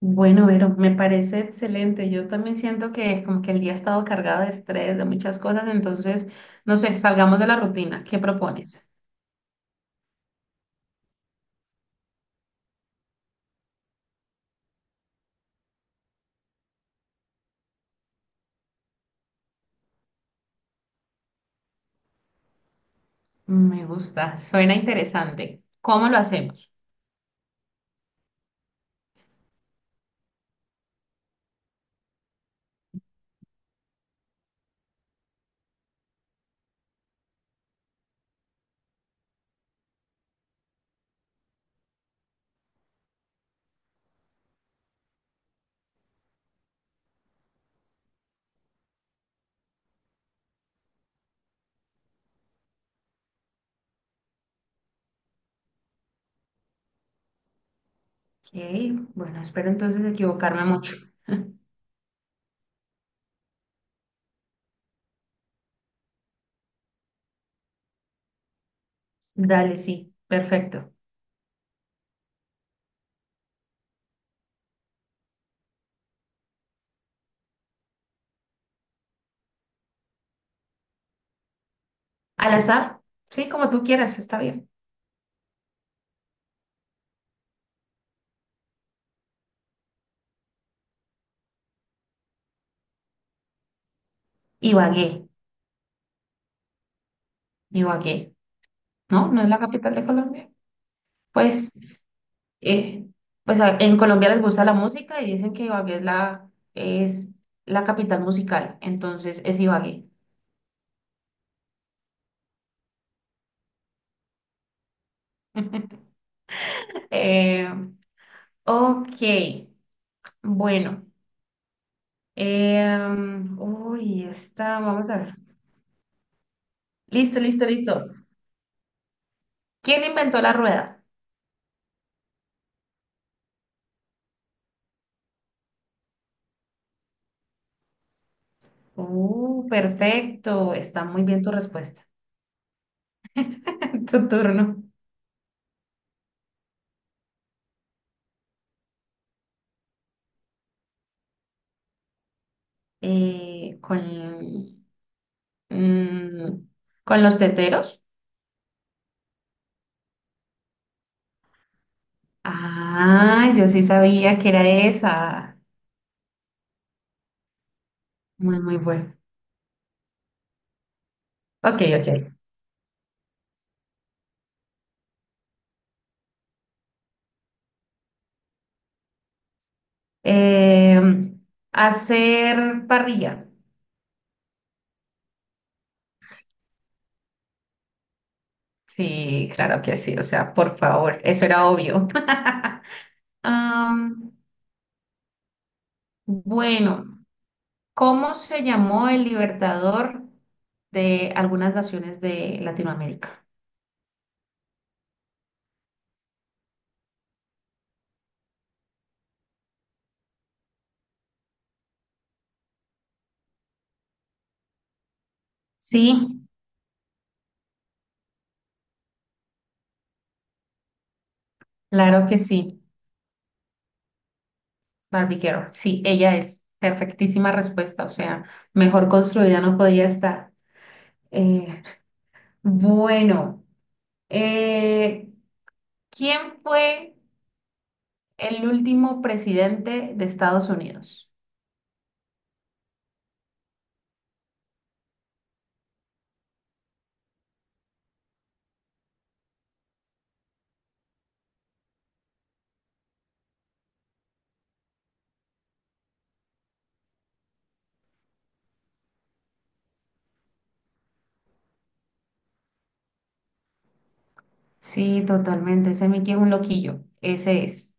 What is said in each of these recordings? Bueno, Vero, me parece excelente. Yo también siento que como que el día ha estado cargado de estrés, de muchas cosas, entonces, no sé, salgamos de la rutina. ¿Qué propones? Me gusta, suena interesante. ¿Cómo lo hacemos? Ok, bueno, espero entonces equivocarme mucho. Dale, sí, perfecto. Al azar, sí, como tú quieras, está bien. Ibagué, Ibagué, ¿no? ¿No es la capital de Colombia? Pues eh, pues en Colombia les gusta la música y dicen que Ibagué es la capital musical, entonces es Ibagué. Eh, ok, bueno. Uy, está, vamos a ver. Listo, listo, listo. ¿Quién inventó la rueda? Perfecto, está muy bien tu respuesta. Tu turno. Con, mm, con los teteros. Ah, yo sí sabía que era esa. Muy, muy bueno. Ok, ok. Em, Hacer parrilla. Sí, claro que sí. O sea, por favor, eso era obvio. Am, bueno, ¿cómo se llamó el libertador de algunas naciones de Latinoamérica? Sí, claro que sí. Barbie Girl. Sí, ella es. Perfectísima respuesta. O sea, mejor construida no podía estar. Eh, Bueno, eh, ¿Quién fue el último presidente de Estados Unidos? Sí, totalmente. Ese Mickey es un loquillo. Ese es.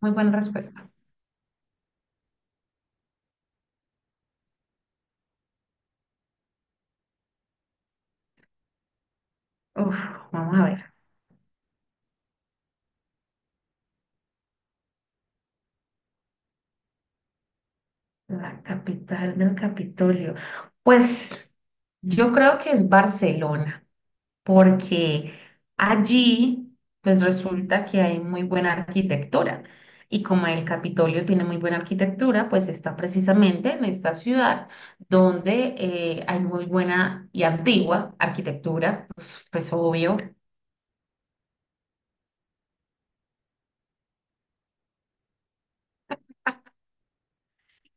Muy buena respuesta. Uf, vamos a ver. La capital del Capitolio. Pues yo creo que es Barcelona, porque allí pues resulta que hay muy buena arquitectura. Y como el Capitolio tiene muy buena arquitectura, pues está precisamente en esta ciudad donde hay muy buena y antigua arquitectura, pues, pues obvio.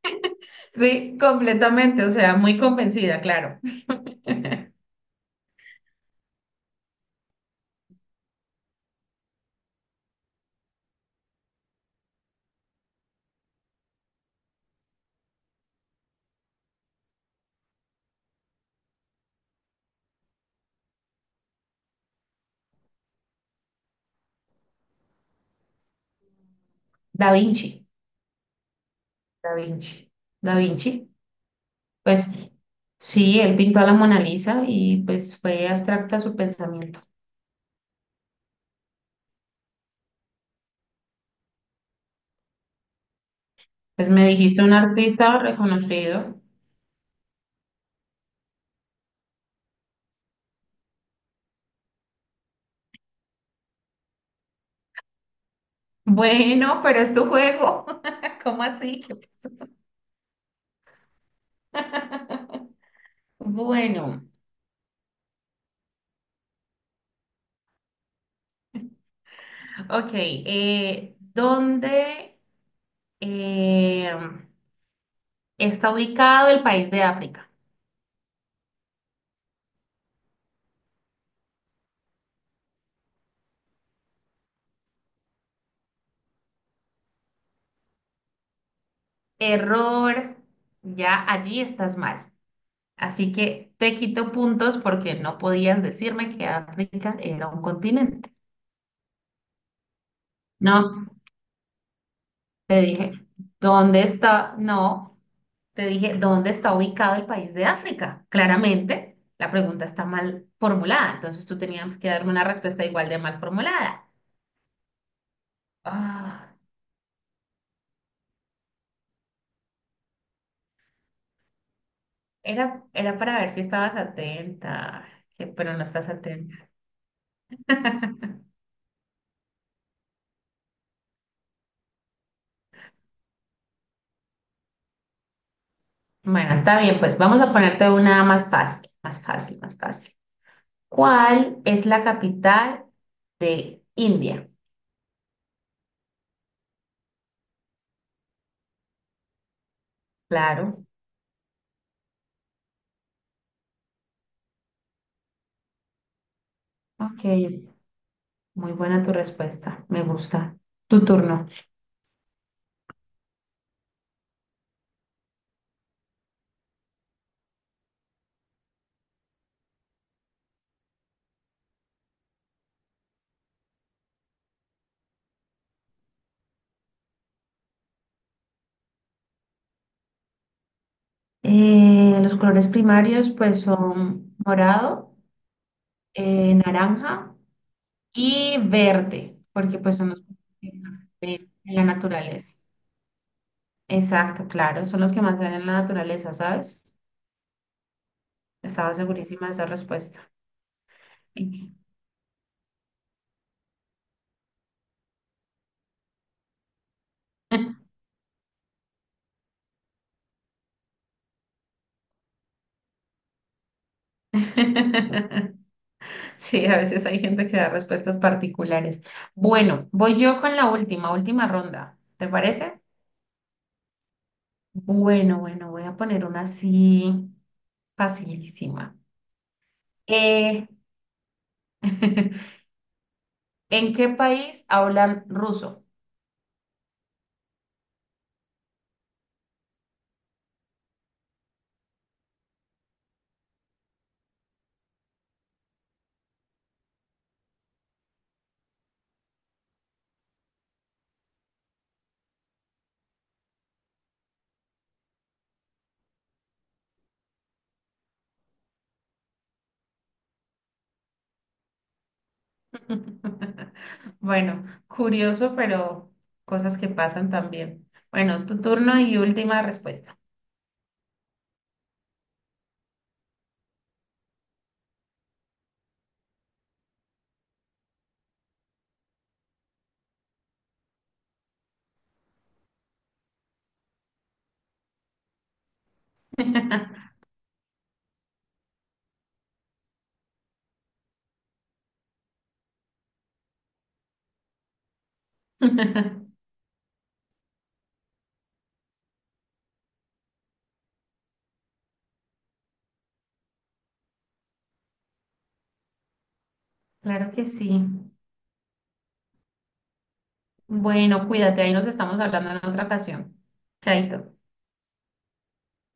Sí, completamente, o sea, muy convencida, claro. Da Vinci, Da Vinci, Da Vinci. Pues sí, él pintó a la Mona Lisa y pues fue abstracta su pensamiento. Pues me dijiste un artista reconocido. Bueno, pero es tu juego. ¿Cómo así? ¿Qué pasó? Bueno, ok. ¿Dónde eh, está ubicado el país de África? Error, ya allí estás mal. Así que te quito puntos porque no podías decirme que África era un continente. No, te dije, ¿dónde está? No, te dije, ¿dónde está ubicado el país de África? Claramente, la pregunta está mal formulada, entonces tú tenías que darme una respuesta igual de mal formulada. Ah, era, era para ver si estabas atenta, que- pero no estás atenta. Bueno, está bien, pues vamos a ponerte una más fácil, más fácil, más fácil. ¿Cuál es la capital de India? Claro. Ok, muy buena tu respuesta, me gusta. Tu turno. Los colores primarios pues son morado, naranja y verde, porque pues son los que más se ven en la naturaleza. Exacto, claro, son los que más se ven en la naturaleza, ¿sabes? Estaba segurísima de esa respuesta. Sí, sí, a veces hay gente que da respuestas particulares. Bueno, voy yo con la última, última ronda, ¿te parece? Bueno, bueno, voy a poner una así facilísima. Eh, ¿En qué país hablan ruso? Bueno, curioso, pero cosas que pasan también. Bueno, tu turno y última respuesta. Claro que sí. Bueno, cuídate, ahí nos estamos hablando en otra ocasión. Chaito.